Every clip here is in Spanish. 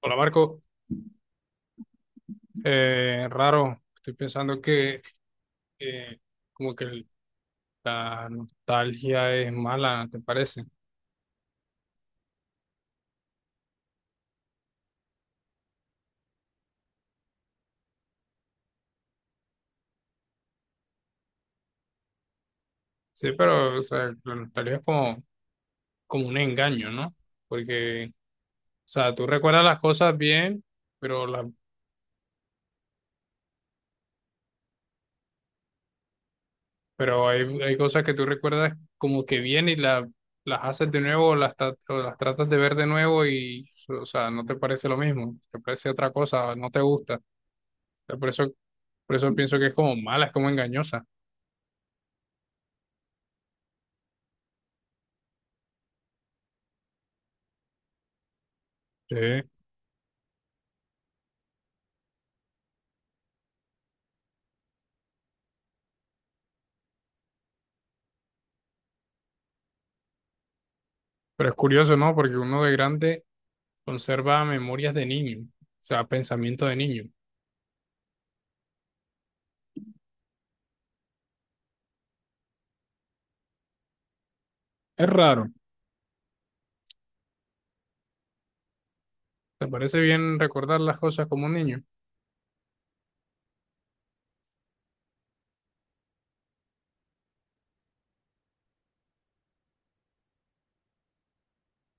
Hola, Marco. Raro, estoy pensando que eh, como que la nostalgia es mala, ¿te parece? Sí, pero o sea, la nostalgia es como un engaño, ¿no? Porque, o sea, tú recuerdas las cosas bien. Pero, la, pero hay cosas que tú recuerdas como que bien y las haces de nuevo, o las tratas de ver de nuevo y, o sea, no te parece lo mismo, te parece otra cosa, no te gusta. O sea, por eso pienso que es como mala, es como engañosa. Sí. Pero es curioso, ¿no? Porque uno de grande conserva memorias de niño, o sea, pensamiento de niño. Es raro. ¿Te parece bien recordar las cosas como un niño?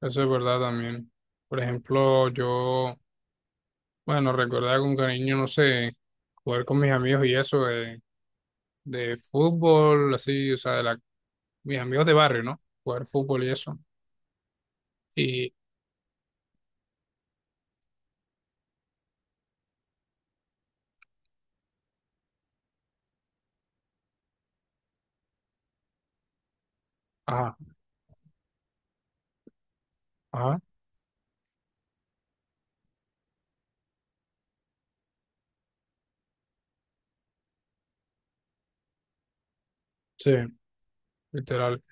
Eso es verdad también. Por ejemplo, yo, bueno, recordaba con cariño, no sé, jugar con mis amigos y eso de fútbol, así, o sea, mis amigos de barrio, ¿no? Jugar fútbol y eso. Y, ajá, ajá, sí, literal.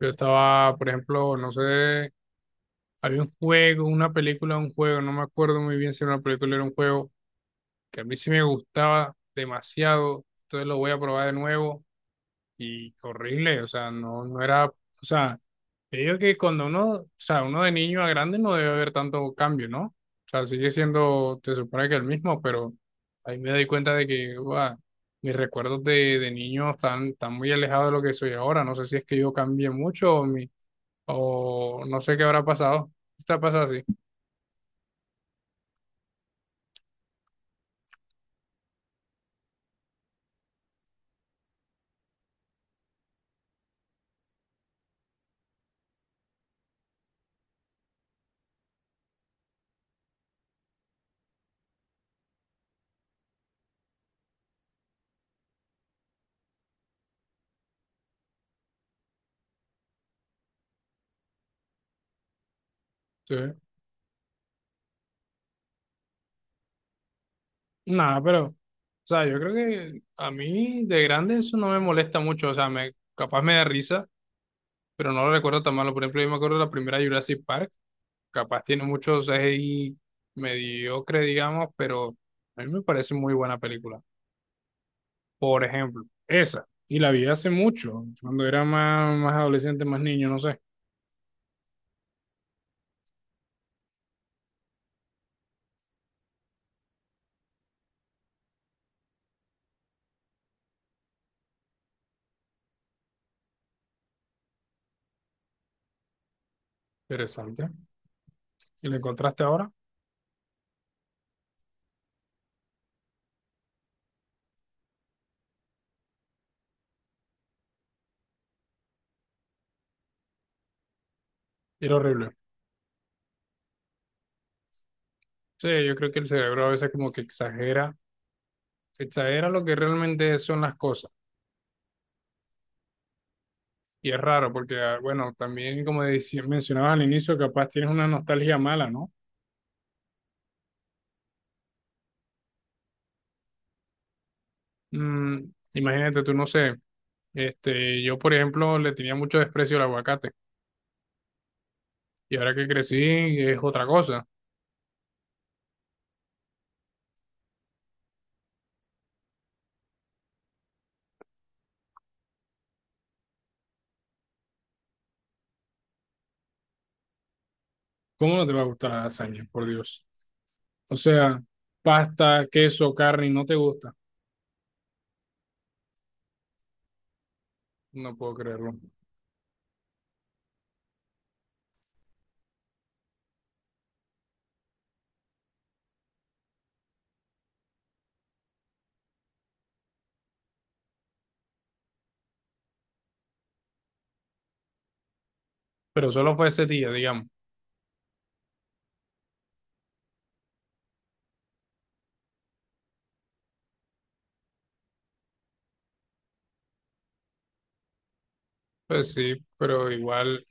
Yo estaba, por ejemplo, no sé. Había un juego, una película, un juego, no me acuerdo muy bien si era una película o era un juego, que a mí sí me gustaba demasiado, entonces lo voy a probar de nuevo y horrible, o sea, no era, o sea, yo digo que cuando uno, o sea, uno de niño a grande no debe haber tanto cambio, ¿no? O sea, sigue siendo, te supone que el mismo, pero ahí me doy cuenta de que, uah, mis recuerdos de niño están muy alejados de lo que soy ahora, no sé si es que yo cambié mucho o o no sé qué habrá pasado, está pasado así. Sí. Nada, pero, o sea, yo creo que a mí de grande eso no me molesta mucho, o sea, capaz me da risa, pero no lo recuerdo tan malo. Por ejemplo, yo me acuerdo de la primera Jurassic Park, capaz tiene muchos CGI mediocre, digamos, pero a mí me parece muy buena película. Por ejemplo, esa, y la vi hace mucho, cuando era más, más adolescente, más niño, no sé. Interesante. ¿Y la encontraste ahora? Era horrible. Sí, yo creo que el cerebro a veces como que exagera lo que realmente son las cosas. Y es raro porque, ah, bueno, también como mencionabas al inicio, capaz tienes una nostalgia mala, ¿no? Mm, Imagínate, tú no sé, este, yo por ejemplo le tenía mucho desprecio al aguacate y ahora que crecí es otra cosa. ¿Cómo no te va a gustar la lasaña, por Dios? O sea, pasta, queso, carne, y no te gusta. No puedo creerlo. Pero solo fue ese día, digamos. Pues sí, pero igual,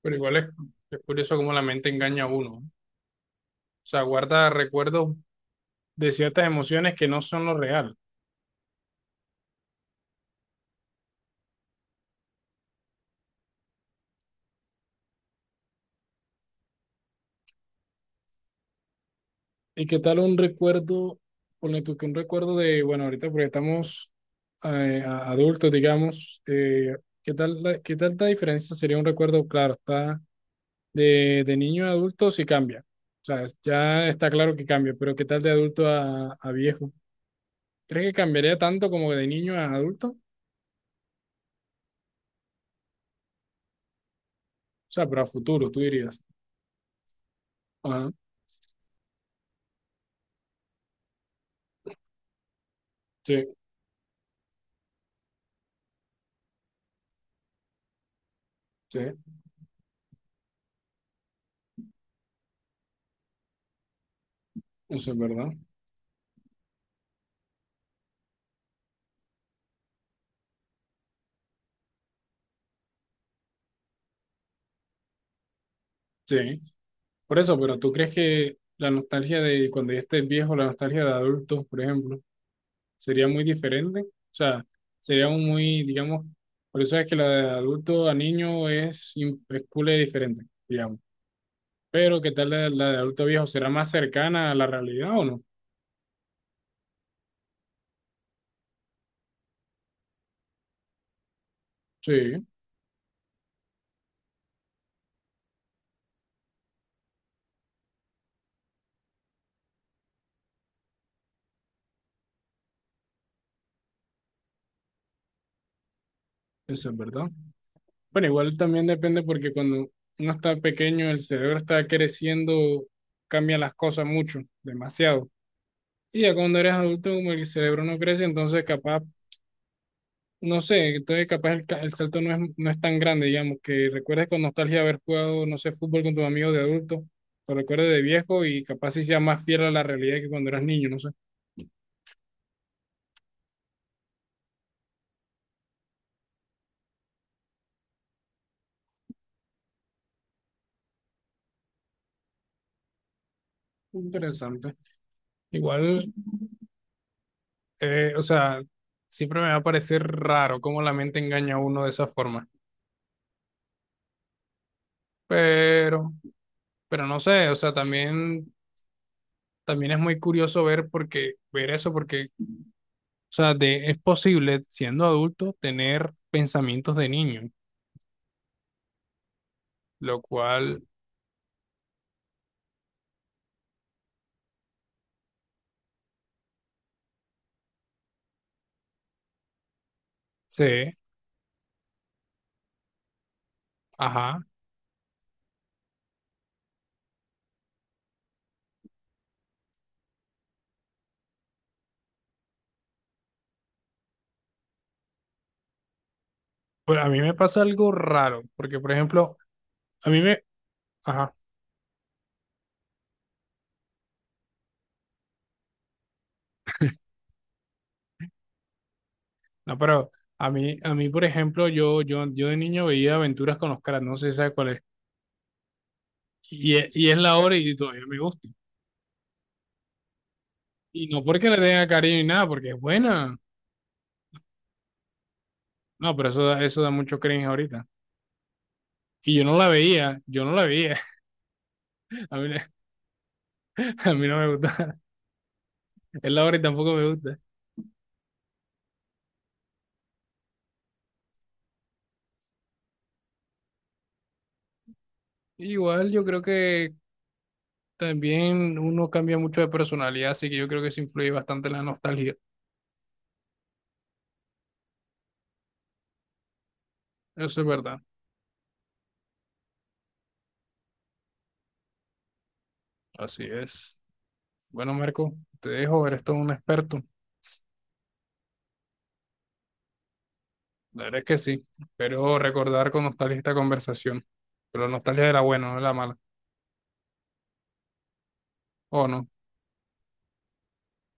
pero igual es curioso cómo la mente engaña a uno, ¿no? O sea, guarda recuerdos de ciertas emociones que no son lo real. ¿Y qué tal un recuerdo, ponle tú que un recuerdo de, bueno, ahorita porque estamos adultos, digamos, ¿qué tal, qué tal la diferencia sería un recuerdo, claro, está de niño a adulto sí cambia, o sea, ya está claro que cambia, pero ¿qué tal de adulto a viejo? ¿Crees que cambiaría tanto como de niño a adulto? O sea, pero a futuro, tú dirías. Ajá, sí, sí, eso es verdad. Sí, por eso, pero ¿tú crees que la nostalgia de cuando ya estés viejo, la nostalgia de adultos, por ejemplo, sería muy diferente? O sea, sería un muy, digamos, por eso es que la de adulto a niño es cool y diferente, digamos. Pero ¿qué tal la de adulto a viejo? ¿Será más cercana a la realidad o no? Sí, eso es verdad. Bueno, igual también depende porque cuando uno está pequeño, el cerebro está creciendo, cambia las cosas mucho, demasiado. Y ya cuando eres adulto, como el cerebro no crece, entonces capaz no sé, entonces capaz el salto no es tan grande, digamos, que recuerdes con nostalgia haber jugado, no sé, fútbol con tus amigos de adulto, lo recuerdes de viejo y capaz sí sea más fiel a la realidad que cuando eras niño, no sé. Interesante. Igual, o sea, siempre me va a parecer raro cómo la mente engaña a uno de esa forma, pero, pero no sé, o sea, también es muy curioso ver porque, ver eso, porque, o sea, es posible, siendo adulto, tener pensamientos de niño, lo cual... Sí. Ajá. Bueno, a mí me pasa algo raro, porque por ejemplo, a mí me, ajá, no, pero a mí por ejemplo, yo de niño veía Aventuras con los caras, no sé si sabes cuál es, y es la hora y todavía me gusta. Y no porque le tenga cariño ni nada, porque es buena. No, pero eso da mucho cringe ahorita. Y yo no la veía, yo no la veía. A mí no me gusta. Es la hora y tampoco me gusta. Igual yo creo que también uno cambia mucho de personalidad, así que yo creo que eso influye bastante en la nostalgia. Eso es verdad. Así es. Bueno, Marco, te dejo, eres todo un experto. La verdad es que sí. Espero recordar con nostalgia esta conversación. Pero nostalgia de la buena, no de la mala. ¿O no?